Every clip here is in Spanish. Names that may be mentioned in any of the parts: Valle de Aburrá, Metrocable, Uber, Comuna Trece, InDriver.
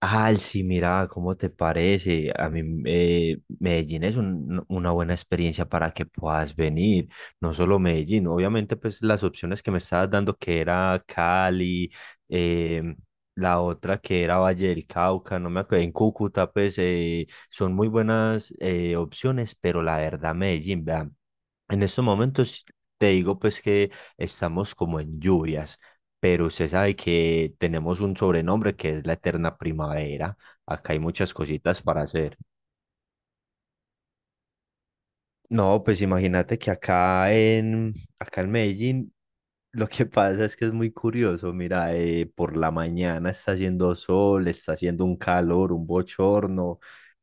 Ah, sí, mira, ¿cómo te parece? A mí Medellín es una buena experiencia para que puedas venir, no solo Medellín, obviamente pues las opciones que me estabas dando que era Cali, eh, la otra que era Valle del Cauca, no me acuerdo, en Cúcuta pues son muy buenas opciones, pero la verdad Medellín, vean. En estos momentos te digo pues que estamos como en lluvias, pero usted sabe que tenemos un sobrenombre que es la eterna primavera. Acá hay muchas cositas para hacer. No, pues imagínate que acá en Medellín lo que pasa es que es muy curioso. Mira, por la mañana está haciendo sol, está haciendo un calor, un bochorno.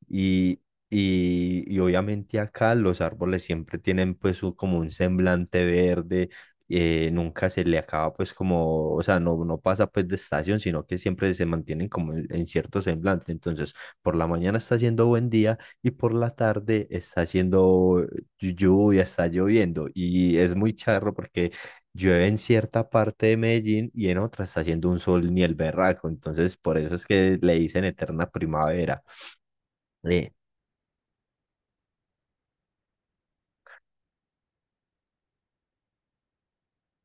Y, y obviamente acá los árboles siempre tienen pues como un semblante verde, nunca se le acaba pues como, o sea, no pasa pues de estación, sino que siempre se mantienen como en cierto semblante. Entonces, por la mañana está haciendo buen día y por la tarde está haciendo lluvia, está lloviendo y es muy charro porque llueve en cierta parte de Medellín y en otra está haciendo un sol ni el berraco. Entonces, por eso es que le dicen eterna primavera. Eh,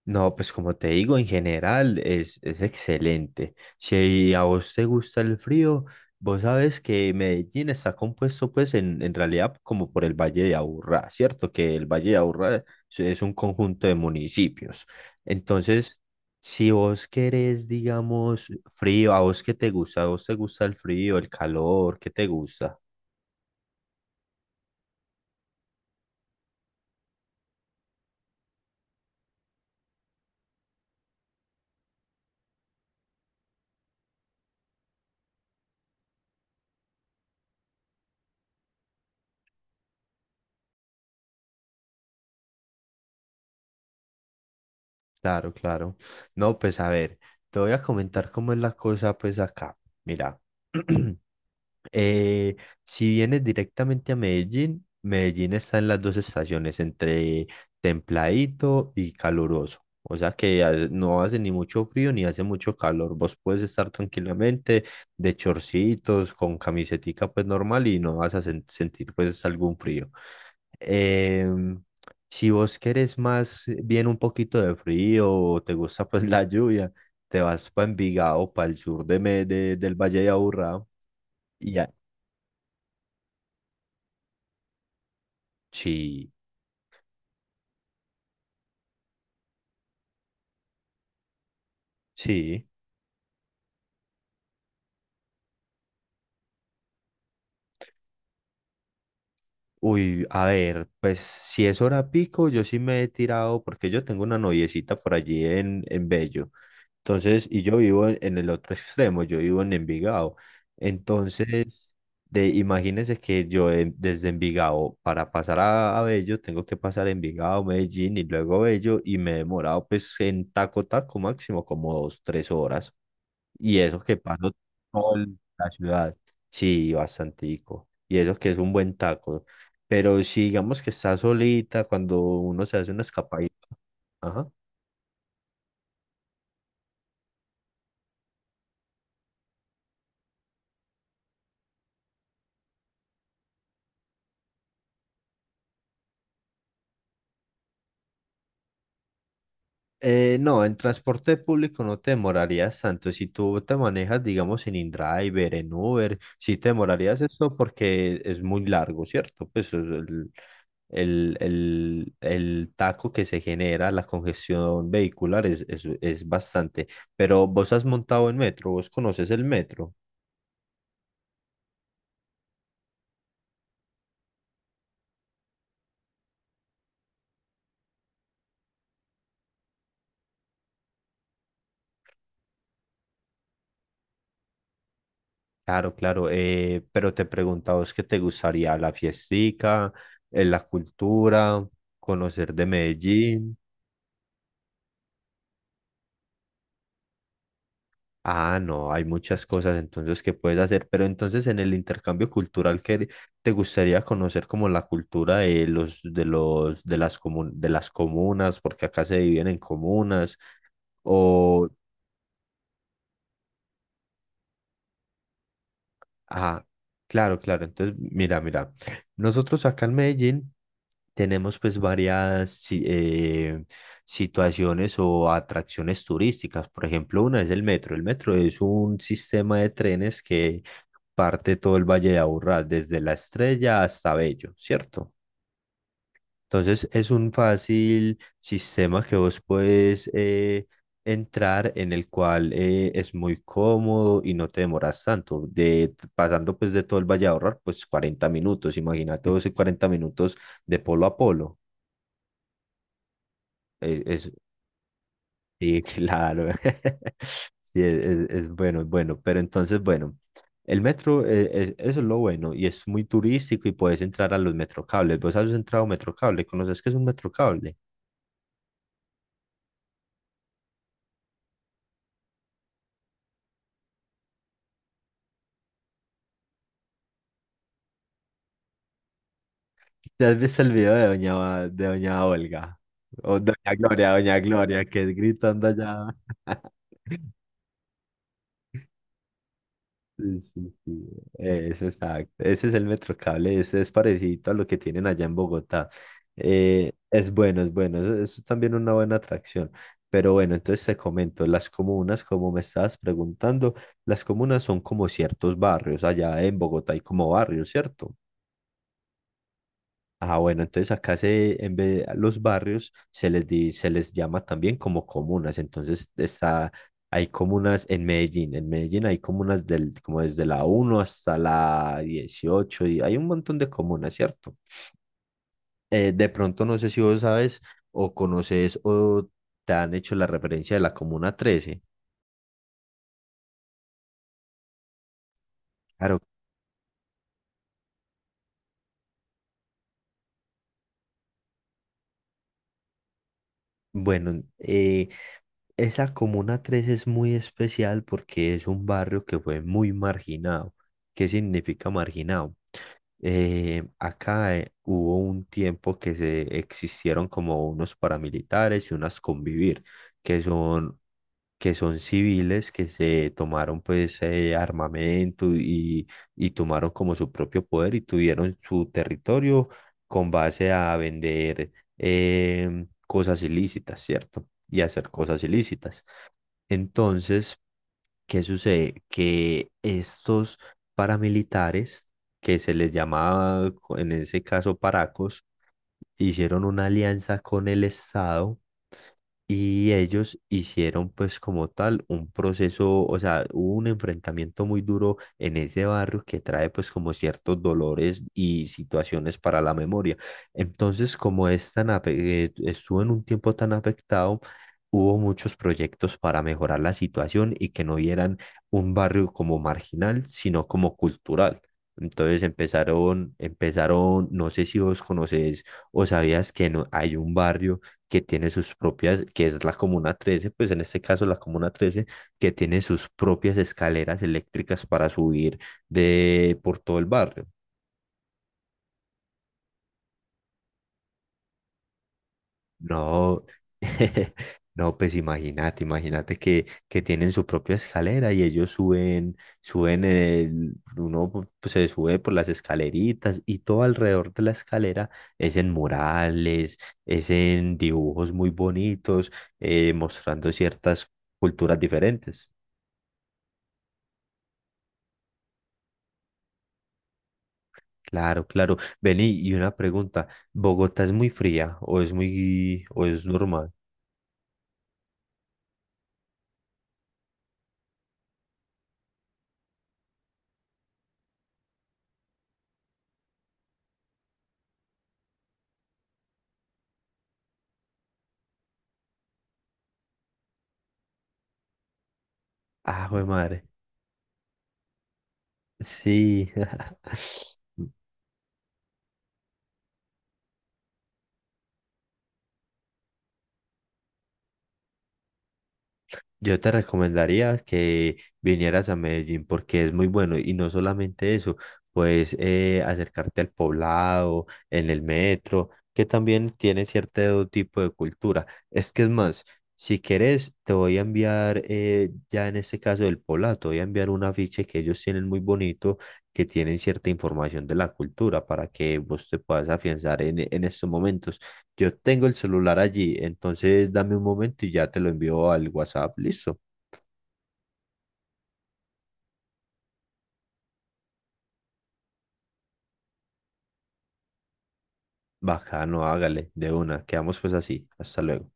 No, pues como te digo, en general es excelente. Si a vos te gusta el frío, vos sabes que Medellín está compuesto pues en realidad como por el Valle de Aburrá, ¿cierto? Que el Valle de Aburrá es un conjunto de municipios. Entonces, si vos querés, digamos, frío, a vos qué te gusta, a vos te gusta el frío, el calor, ¿qué te gusta? Claro, claro. No, pues a ver, te voy a comentar cómo es la cosa, pues acá. Mira, eh, si vienes directamente a Medellín, Medellín está en las dos estaciones, entre templadito y caluroso. O sea que no hace ni mucho frío ni hace mucho calor. Vos puedes estar tranquilamente de chorcitos, con camisetica pues normal y no vas a sentir pues algún frío. Em, si vos querés más bien un poquito de frío o te gusta pues la lluvia, te vas para Envigado, para el sur del Valle de Aburrá. Y ya. Sí, sí. Uy, a ver, pues si es hora pico, yo sí me he tirado, porque yo tengo una noviecita por allí en Bello. Entonces, y yo vivo en el otro extremo, yo vivo en Envigado. Entonces, imagínense que yo desde Envigado para pasar a Bello, tengo que pasar Envigado, Medellín y luego Bello y me he demorado pues en taco máximo como dos, tres horas. Y eso que paso toda la ciudad, sí, bastantico. Y eso que es un buen taco. Pero si digamos que está solita, cuando uno se hace una escapadita, ajá. No, en transporte público no te demorarías tanto. Si tú te manejas, digamos, en InDriver, en Uber, sí te demorarías eso porque es muy largo, ¿cierto? Pues el taco que se genera, la congestión vehicular es bastante. Pero vos has montado en metro, vos conoces el metro. Claro, claro. Pero te preguntaba vos qué te gustaría, la fiestica, la cultura, conocer de Medellín. Ah, no, hay muchas cosas entonces que puedes hacer, pero entonces en el intercambio cultural que te gustaría conocer como la cultura de las comunas, porque acá se dividen en comunas, o Ah, claro, claro. Entonces, mira, mira. Nosotros acá en Medellín tenemos pues varias situaciones o atracciones turísticas. Por ejemplo, una es el metro. El metro es un sistema de trenes que parte todo el Valle de Aburrá, desde La Estrella hasta Bello, ¿cierto? Entonces es un fácil sistema que vos puedes entrar en el cual es muy cómodo y no te demoras tanto. Pasando pues de todo el Valle a ahorrar, pues 40 minutos. Imagínate vos en 40 minutos de polo a polo. Eh, es, sí, claro. Sí, es, es bueno, es bueno. Pero entonces, bueno, el metro, eso es lo bueno y es muy turístico y puedes entrar a los metrocables. ¿Vos has entrado a un metrocable? ¿Conoces qué es un metrocable? ¿Te has visto el video de doña Olga? O doña Gloria, que es gritando allá. Sí, sí, sí. Es exacto. Ese es el Metrocable, ese es parecido a lo que tienen allá en Bogotá. Es bueno, es bueno, eso es también una buena atracción. Pero bueno, entonces te comento, las comunas, como me estabas preguntando, las comunas son como ciertos barrios, allá en Bogotá hay como barrios, ¿cierto? Ah, bueno, entonces en vez de los barrios se les llama también como comunas. Entonces hay comunas en Medellín. En Medellín hay comunas como desde la uno hasta la 18 y hay un montón de comunas, ¿cierto? De pronto no sé si vos sabes o conoces o te han hecho la referencia de la comuna 13. Claro. Bueno, esa Comuna 3 es muy especial porque es un barrio que fue muy marginado. ¿Qué significa marginado? Acá hubo un tiempo que se existieron como unos paramilitares y unas convivir, que son, que son civiles que se tomaron pues armamento y tomaron como su propio poder y tuvieron su territorio con base a vender cosas ilícitas, ¿cierto? Y hacer cosas ilícitas. Entonces, ¿qué sucede? Que estos paramilitares, que se les llamaba en ese caso paracos, hicieron una alianza con el Estado y ellos hicieron pues como tal un proceso, o sea, hubo un enfrentamiento muy duro en ese barrio que trae pues como ciertos dolores y situaciones para la memoria. Entonces, como es estuvo en un tiempo tan afectado, hubo muchos proyectos para mejorar la situación y que no vieran un barrio como marginal, sino como cultural. Entonces empezaron, no sé si vos conocés. ¿O sabías que no, hay un barrio que tiene sus propias, que es la Comuna 13 pues en este caso la Comuna 13 que tiene sus propias escaleras eléctricas para subir por todo el barrio? No, no, pues imagínate, imagínate que tienen su propia escalera y ellos suben uno pues, se sube por las escaleritas y todo alrededor de la escalera es en murales, es en dibujos muy bonitos, mostrando ciertas culturas diferentes. Claro, claro. Vení, y una pregunta, ¿Bogotá es muy fría o es o es normal? Ah, jue madre. Sí. Yo te recomendaría que vinieras a Medellín porque es muy bueno y no solamente eso, pues acercarte al poblado, en el metro, que también tiene cierto tipo de cultura. Es que es más, si quieres, te voy a enviar, ya en este caso del poblado, te voy a enviar un afiche que ellos tienen muy bonito, que tienen cierta información de la cultura para que vos te puedas afianzar en estos momentos. Yo tengo el celular allí, entonces dame un momento y ya te lo envío al WhatsApp. Listo. Bacano, hágale, de una. Quedamos pues así. Hasta luego.